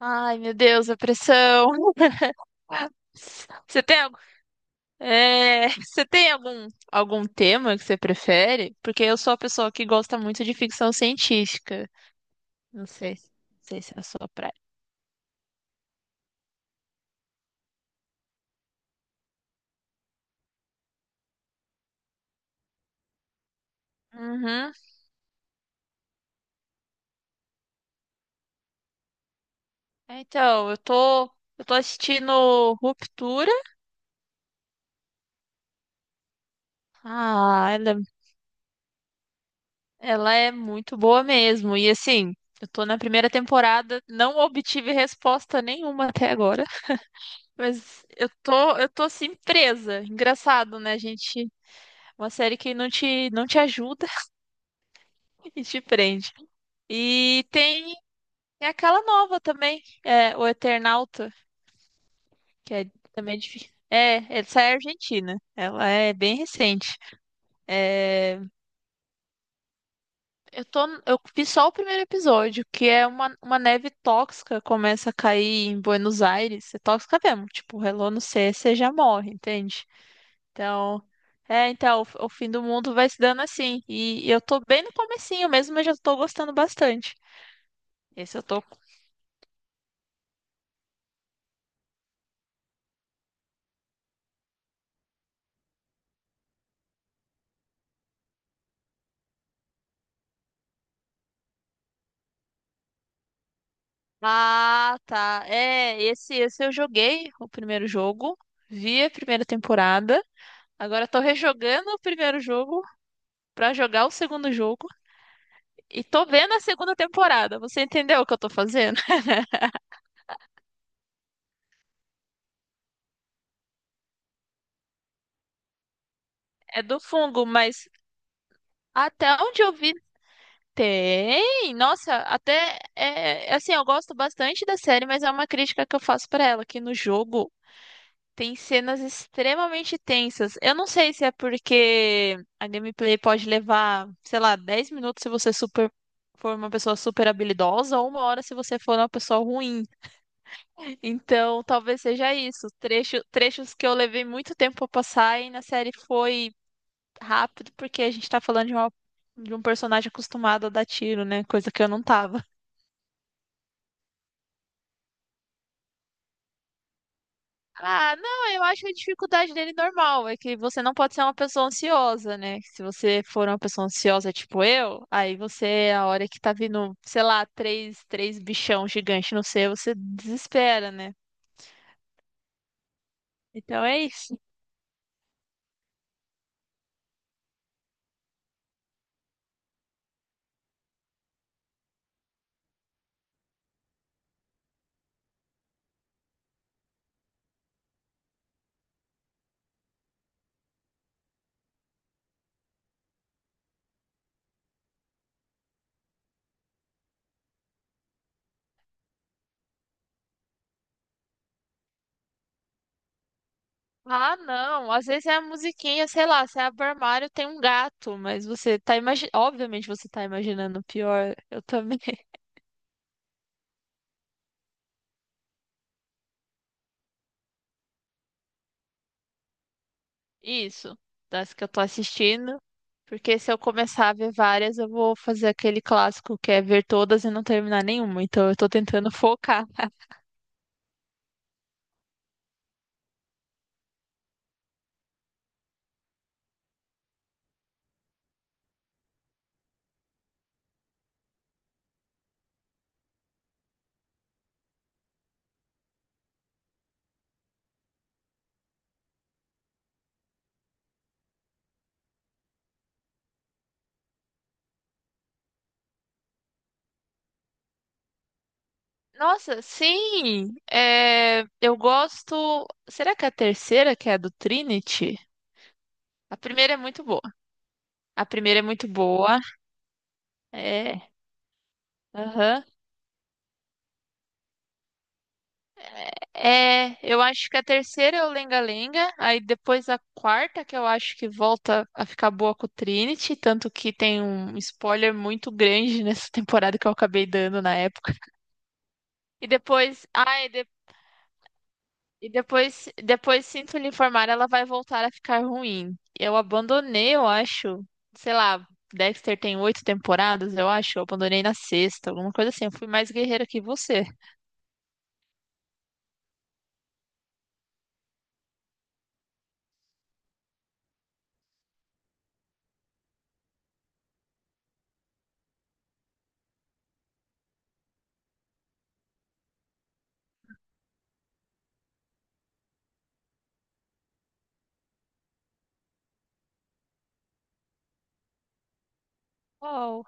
Ai, meu Deus, a pressão. Você tem, algu- você tem algum tema que você prefere? Porque eu sou a pessoa que gosta muito de ficção científica. Não sei, não sei se é a sua praia. Uhum. É, então, eu tô assistindo Ruptura. Ah, ela é muito boa mesmo. E assim, eu tô na primeira temporada, não obtive resposta nenhuma até agora. Mas eu tô assim, presa. Engraçado, né? A gente. Uma série que não te ajuda e te prende. E tem aquela nova também, O Eternauta, que é também difícil. É, essa é argentina. Ela é bem recente. É, eu vi só o primeiro episódio, que é uma neve tóxica começa a cair em Buenos Aires. É tóxica mesmo. Tipo, relou no C, você já morre, entende? Então, então, o fim do mundo vai se dando assim. E eu tô bem no comecinho mesmo, mas já tô gostando bastante. Esse eu tô. Ah, tá. É, esse eu joguei o primeiro jogo, vi a primeira temporada. Agora tô rejogando o primeiro jogo pra jogar o segundo jogo e tô vendo a segunda temporada. Você entendeu o que eu tô fazendo? É do fungo, mas até onde eu vi tem. Nossa, até é assim, eu gosto bastante da série, mas é uma crítica que eu faço pra ela, que no jogo tem cenas extremamente tensas. Eu não sei se é porque a gameplay pode levar, sei lá, 10 minutos se você super for uma pessoa super habilidosa ou 1 hora se você for uma pessoa ruim. Então, talvez seja isso. Trechos que eu levei muito tempo pra passar e na série foi rápido porque a gente tá falando de um personagem acostumado a dar tiro, né? Coisa que eu não tava. Ah, não, eu acho a dificuldade dele normal. É que você não pode ser uma pessoa ansiosa, né? Se você for uma pessoa ansiosa, tipo eu, aí você, a hora que tá vindo, sei lá, três bichão gigante no seu, você desespera, né? Então é isso. Ah, não. Às vezes é a musiquinha, sei lá, você abre o armário, tem um gato, mas você tá imaginando. Obviamente você tá imaginando o pior. Eu também. Isso, das que eu tô assistindo. Porque se eu começar a ver várias, eu vou fazer aquele clássico que é ver todas e não terminar nenhuma. Então eu tô tentando focar. Nossa, sim! É, eu gosto. Será que é a terceira, que é a do Trinity? A primeira é muito boa. A primeira é muito boa. É. Aham. É, eu acho que a terceira é o Lenga-Lenga, aí depois a quarta, que eu acho que volta a ficar boa com o Trinity, tanto que tem um spoiler muito grande nessa temporada que eu acabei dando na época. E depois, ai, e, de- e depois, depois sinto lhe informar, ela vai voltar a ficar ruim. Eu abandonei, eu acho, sei lá, Dexter tem 8 temporadas, eu acho, eu abandonei na sexta, alguma coisa assim, eu fui mais guerreira que você. Oh,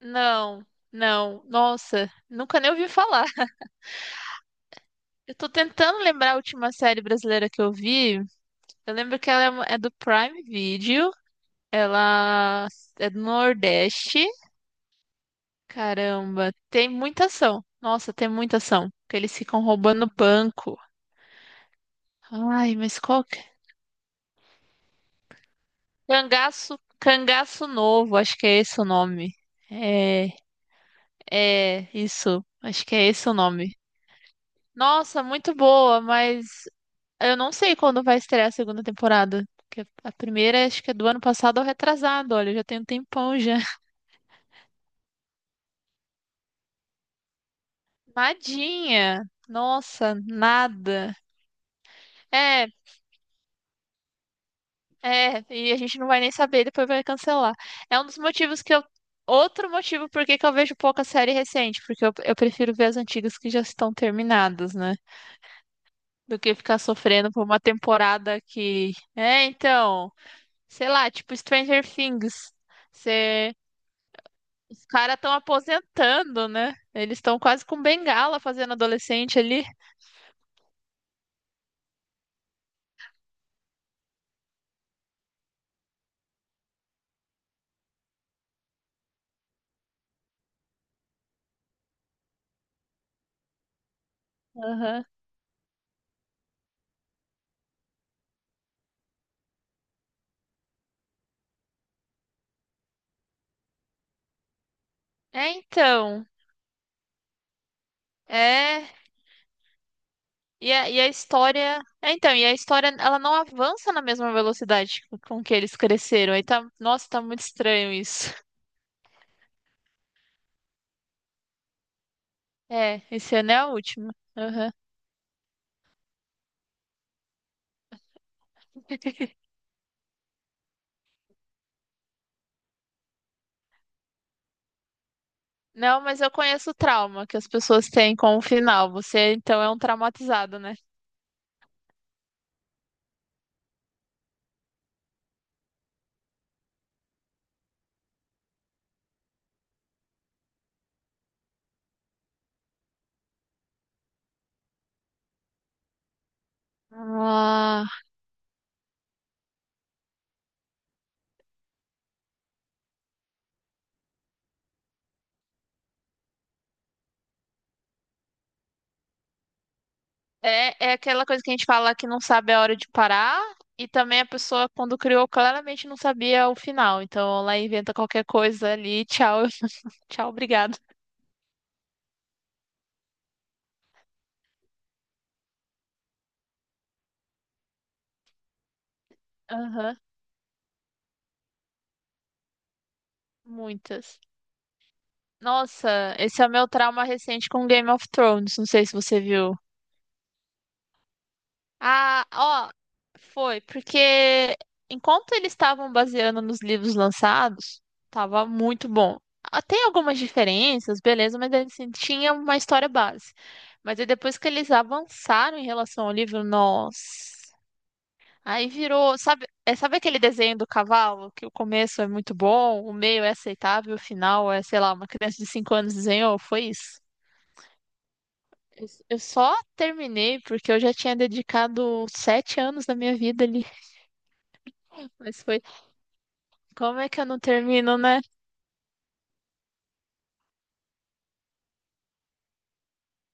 não, não, nossa, nunca nem ouvi falar. Eu tô tentando lembrar a última série brasileira que eu vi. Eu lembro que ela é do Prime Video. Ela é do Nordeste. Caramba, tem muita ação. Nossa, tem muita ação. Porque eles ficam roubando banco. Ai, mas qual que é? Cangaço Novo, acho que é esse o nome. É, é, isso. Acho que é esse o nome. Nossa, muito boa, mas eu não sei quando vai estrear a segunda temporada. Porque a primeira acho que é do ano passado ou retrasado. Olha, já tem um tempão já. Nadinha! Nossa, nada. É, é, e a gente não vai nem saber, depois vai cancelar. É um dos motivos que eu. Outro motivo por que que eu vejo pouca série recente, porque eu prefiro ver as antigas que já estão terminadas, né? Do que ficar sofrendo por uma temporada que. É, então. Sei lá, tipo Stranger Things. Os caras estão aposentando, né? Eles estão quase com bengala fazendo adolescente ali. Aham. É, então. É. E a história. É, então, e a história, ela não avança na mesma velocidade com que eles cresceram. Aí tá. Nossa, tá muito estranho isso. É, esse ano é a última. Aham. Não, mas eu conheço o trauma que as pessoas têm com o final. Você, então, é um traumatizado, né? Ah. É, é aquela coisa que a gente fala que não sabe a hora de parar, e também a pessoa, quando criou, claramente não sabia o final. Então ela inventa qualquer coisa ali. Tchau, tchau, obrigado. Aham, muitas. Nossa, esse é o meu trauma recente com Game of Thrones. Não sei se você viu. Ah, ó, foi, porque enquanto eles estavam baseando nos livros lançados, tava muito bom. Ah, tem algumas diferenças, beleza, mas assim, tinha uma história base. Mas aí depois que eles avançaram em relação ao livro, nossa, aí virou, sabe aquele desenho do cavalo, que o começo é muito bom, o meio é aceitável, o final é, sei lá, uma criança de 5 anos desenhou, foi isso. Eu só terminei porque eu já tinha dedicado 7 anos da minha vida. Mas foi. Como é que eu não termino, né?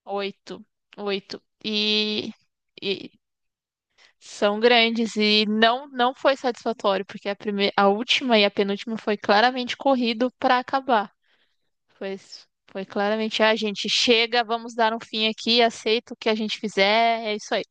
8. 8. E são grandes. E não, não foi satisfatório, porque a primeira, a última e a penúltima foi claramente corrido para acabar. Foi, foi claramente, a gente chega, vamos dar um fim aqui, aceita o que a gente fizer, é isso aí.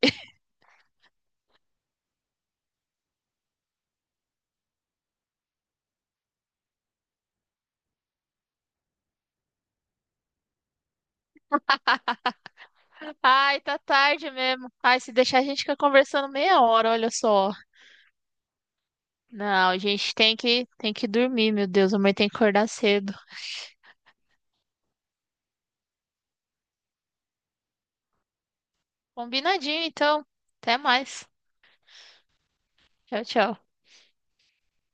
Ai, tá tarde mesmo. Ai, se deixar a gente fica conversando meia hora, olha só. Não, a gente tem que dormir, meu Deus, amanhã tem que acordar cedo. Combinadinho, então. Até mais. Tchau, tchau.